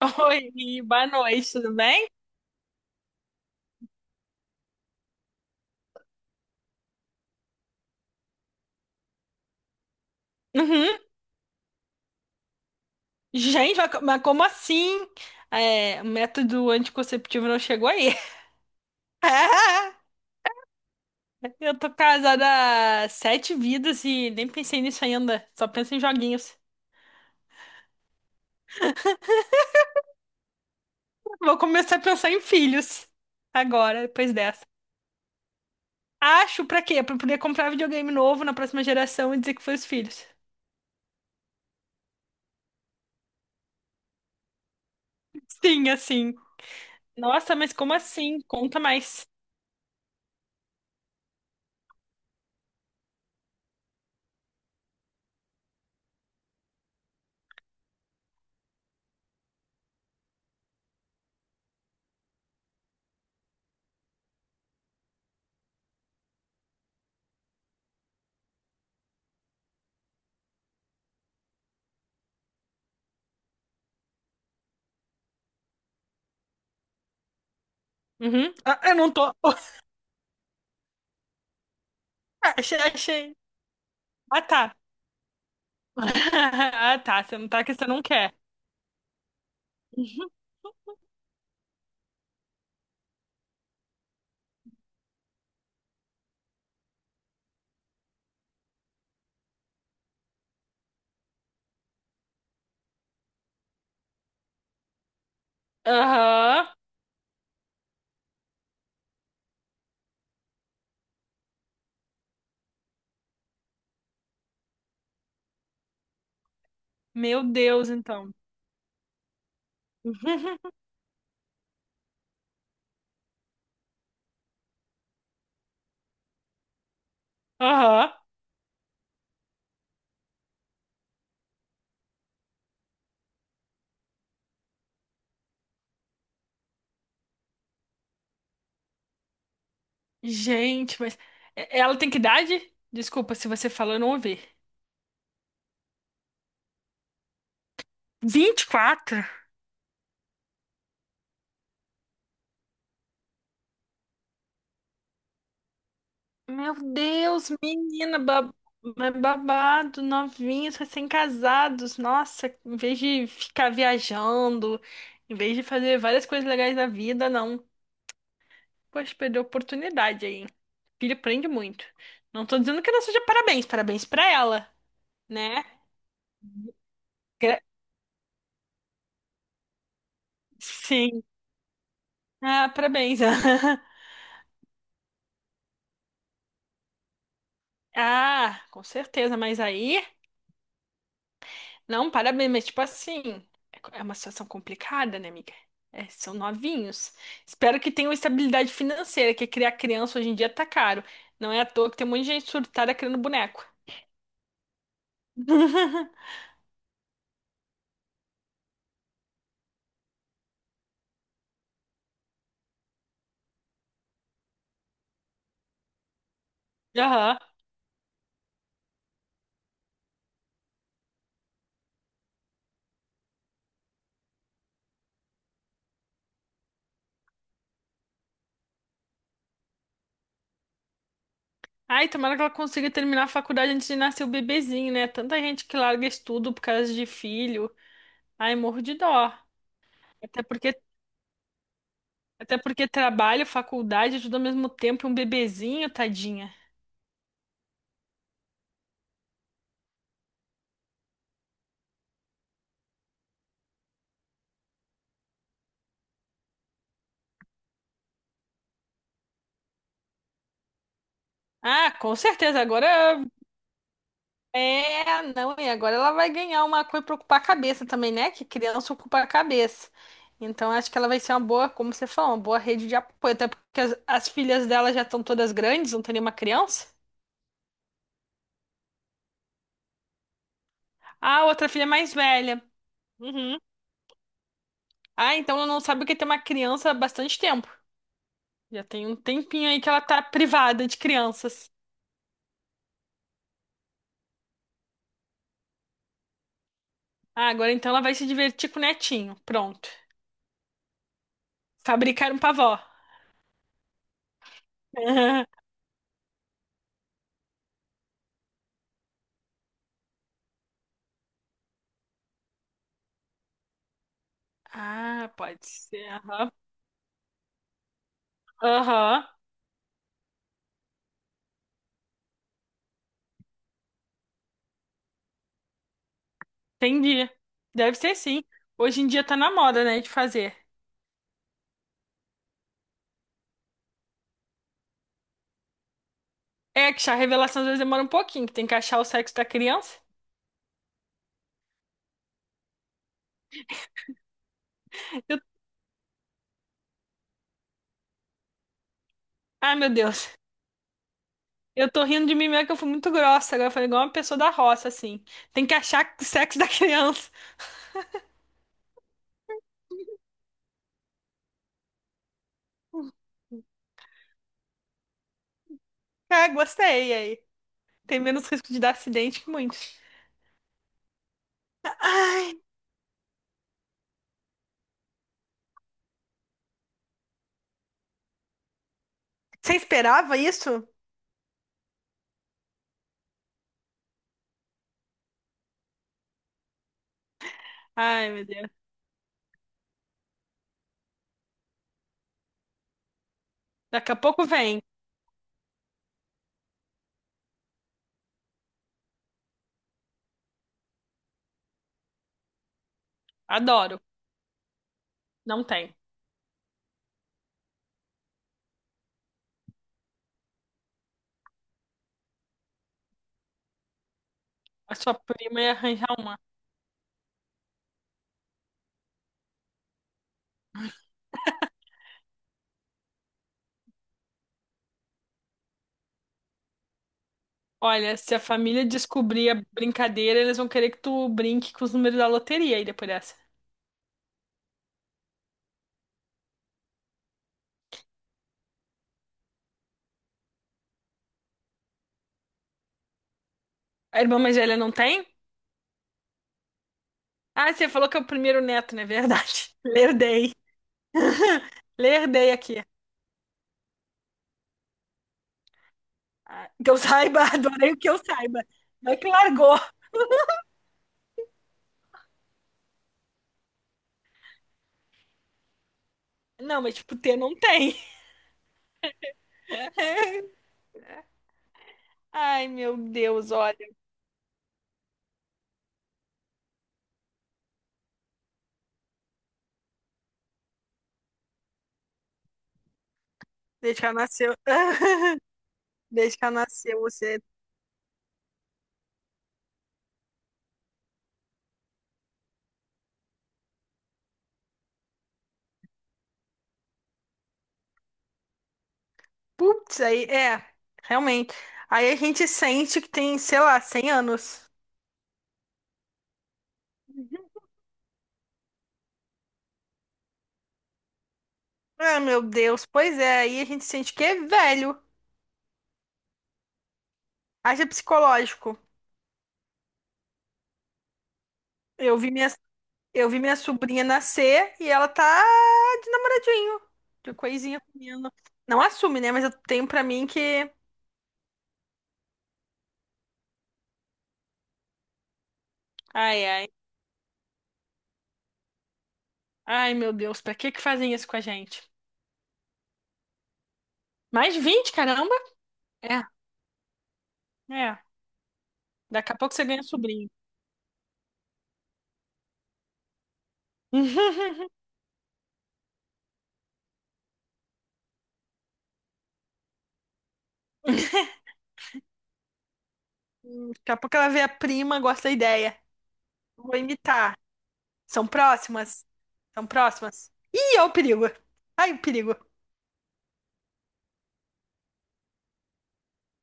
Oi, boa noite, tudo bem? Uhum. Gente, mas como assim? É, o método anticonceptivo não chegou aí. Ah, eu tô casada há sete vidas e nem pensei nisso ainda. Só penso em joguinhos. Vou começar a pensar em filhos agora, depois dessa. Acho pra quê? Pra poder comprar videogame novo na próxima geração e dizer que foi os filhos. Sim, assim. Nossa, mas como assim? Conta mais. Uhum. Ah, eu não tô. Achei, achei. Ah, tá. Ah, tá. Você não tá que você não quer. Uhum. Aham. Meu Deus, então. Uhum. Aham. Gente, mas ela tem que idade? Desculpa se você falou, eu não ouvi. 24. Meu Deus, menina, mas babado, novinhos, recém-casados. Nossa, em vez de ficar viajando, em vez de fazer várias coisas legais da vida, não. Poxa, perdeu a oportunidade aí, hein? Filho aprende muito. Não tô dizendo que não seja parabéns, parabéns pra ela, né? Gra- Sim. Ah, parabéns. Ah, com certeza, mas aí, não, parabéns, mas tipo assim, é uma situação complicada, né, amiga? É, são novinhos. Espero que tenham estabilidade financeira, que criar criança hoje em dia tá caro. Não é à toa que tem um monte de gente surtada criando boneco. Aham. Ai, tomara que ela consiga terminar a faculdade antes de nascer o bebezinho, né? Tanta gente que larga estudo por causa de filho. Ai, morro de dó. Até porque, até porque trabalho, faculdade, tudo ao mesmo tempo, e um bebezinho, tadinha. Ah, com certeza. Agora é, não, e agora ela vai ganhar uma coisa pra ocupar a cabeça também, né? Que criança ocupa a cabeça. Então acho que ela vai ser uma boa, como você falou, uma boa rede de apoio. Até porque as filhas dela já estão todas grandes, não tem nenhuma criança. Ah, outra filha é mais velha. Uhum. Ah, então ela não sabe o que é ter uma criança há bastante tempo. Já tem um tempinho aí que ela tá privada de crianças. Ah, agora então ela vai se divertir com o netinho. Pronto. Fabricar um pavó. Ah, pode ser. Aham. Aham. Entendi. Deve ser sim. Hoje em dia tá na moda, né, de fazer. É que a revelação às vezes demora um pouquinho, que tem que achar o sexo da criança. Eu... ah, meu Deus. Eu tô rindo de mim mesmo que eu fui muito grossa. Agora eu falei igual uma pessoa da roça, assim. Tem que achar o sexo da criança. Ah, gostei aí. Tem menos risco de dar acidente que muitos. Ai, você esperava isso? Ai, meu Deus. Daqui a pouco vem. Adoro. Não tem. A sua prima ia arranjar uma. Olha, se a família descobrir a brincadeira, eles vão querer que tu brinque com os números da loteria aí depois dessa. A irmã mais velha não tem? Ah, você falou que é o primeiro neto, não é verdade? Lerdei. Lerdei aqui. Ah, que eu saiba, adorei o que eu saiba. Não é que largou. Não, mas tipo, ter não tem. Ai, meu Deus, olha. Desde que ela nasceu. Desde que ela nasceu, você. Putz, aí é, realmente. Aí a gente sente que tem, sei lá, 100 anos. Ah, meu Deus, pois é, aí a gente sente que é velho. Haja psicológico. Eu vi minha, eu vi minha sobrinha nascer e ela tá de namoradinho, de coisinha com o menino. Não assume, né? Mas eu tenho pra mim que... ai, ai. Ai, meu Deus, pra que que fazem isso com a gente? Mais 20 caramba? É, é. Daqui a pouco você ganha sobrinho. Daqui a pouco ela vê a prima, gosta da ideia. Vou imitar. São próximas? São próximas? Ih, olha o perigo. Ai, o perigo.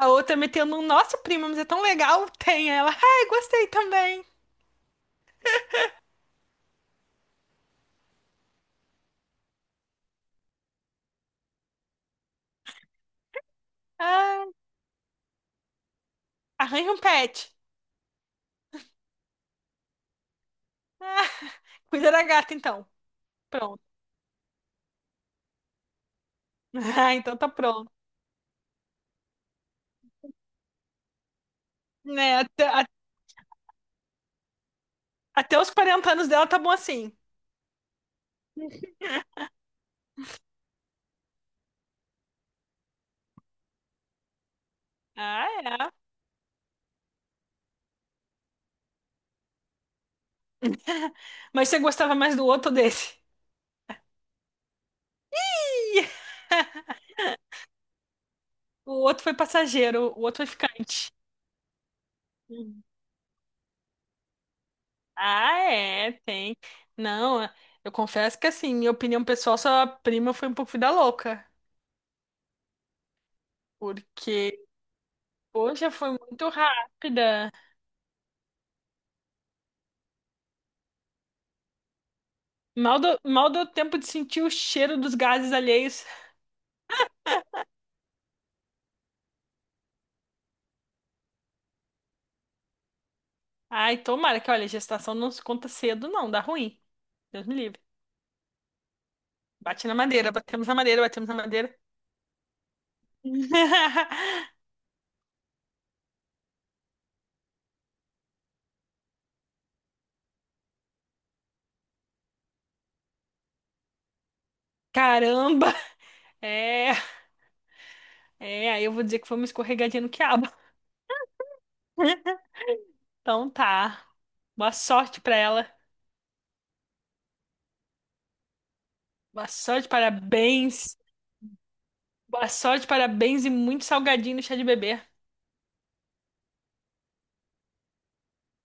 A outra metendo um, nossa, prima, mas é tão legal. Tem ela. Ai, gostei também. Ah, arranja um pet. Ah, cuida da gata, então. Pronto. Ah, então tá pronto. Né, até os 40 anos dela tá bom assim. Ah, é. Mas você gostava mais do outro ou desse? Ih, o outro foi passageiro, o outro foi ficante. Hum. Ah, é, tem. Não, é, eu confesso que assim, minha opinião pessoal, sua prima foi um pouco vida louca. Porque, poxa, foi muito rápida. Mal deu tempo de sentir o cheiro dos gases alheios. Ai, tomara que, olha, gestação não se conta cedo, não, dá ruim. Deus me livre. Bate na madeira, batemos na madeira, batemos na madeira. Caramba! É, é, aí eu vou dizer que foi uma escorregadinha no quiabo. Então tá. Boa sorte pra ela. Boa sorte, parabéns. Boa sorte, parabéns e muito salgadinho no chá de bebê.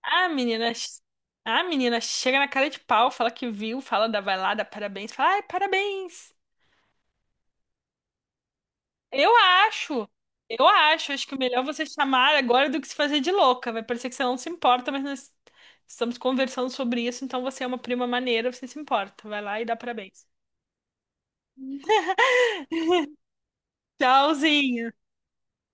Ah, menina. Ah, menina, chega na cara de pau, fala que viu, fala da vai lá, dá parabéns, fala, ai, parabéns. Eu acho, acho que o melhor é você chamar agora do que se fazer de louca. Vai parecer que você não se importa, mas nós estamos conversando sobre isso, então você é uma prima maneira, você se importa. Vai lá e dá parabéns. Tchauzinho.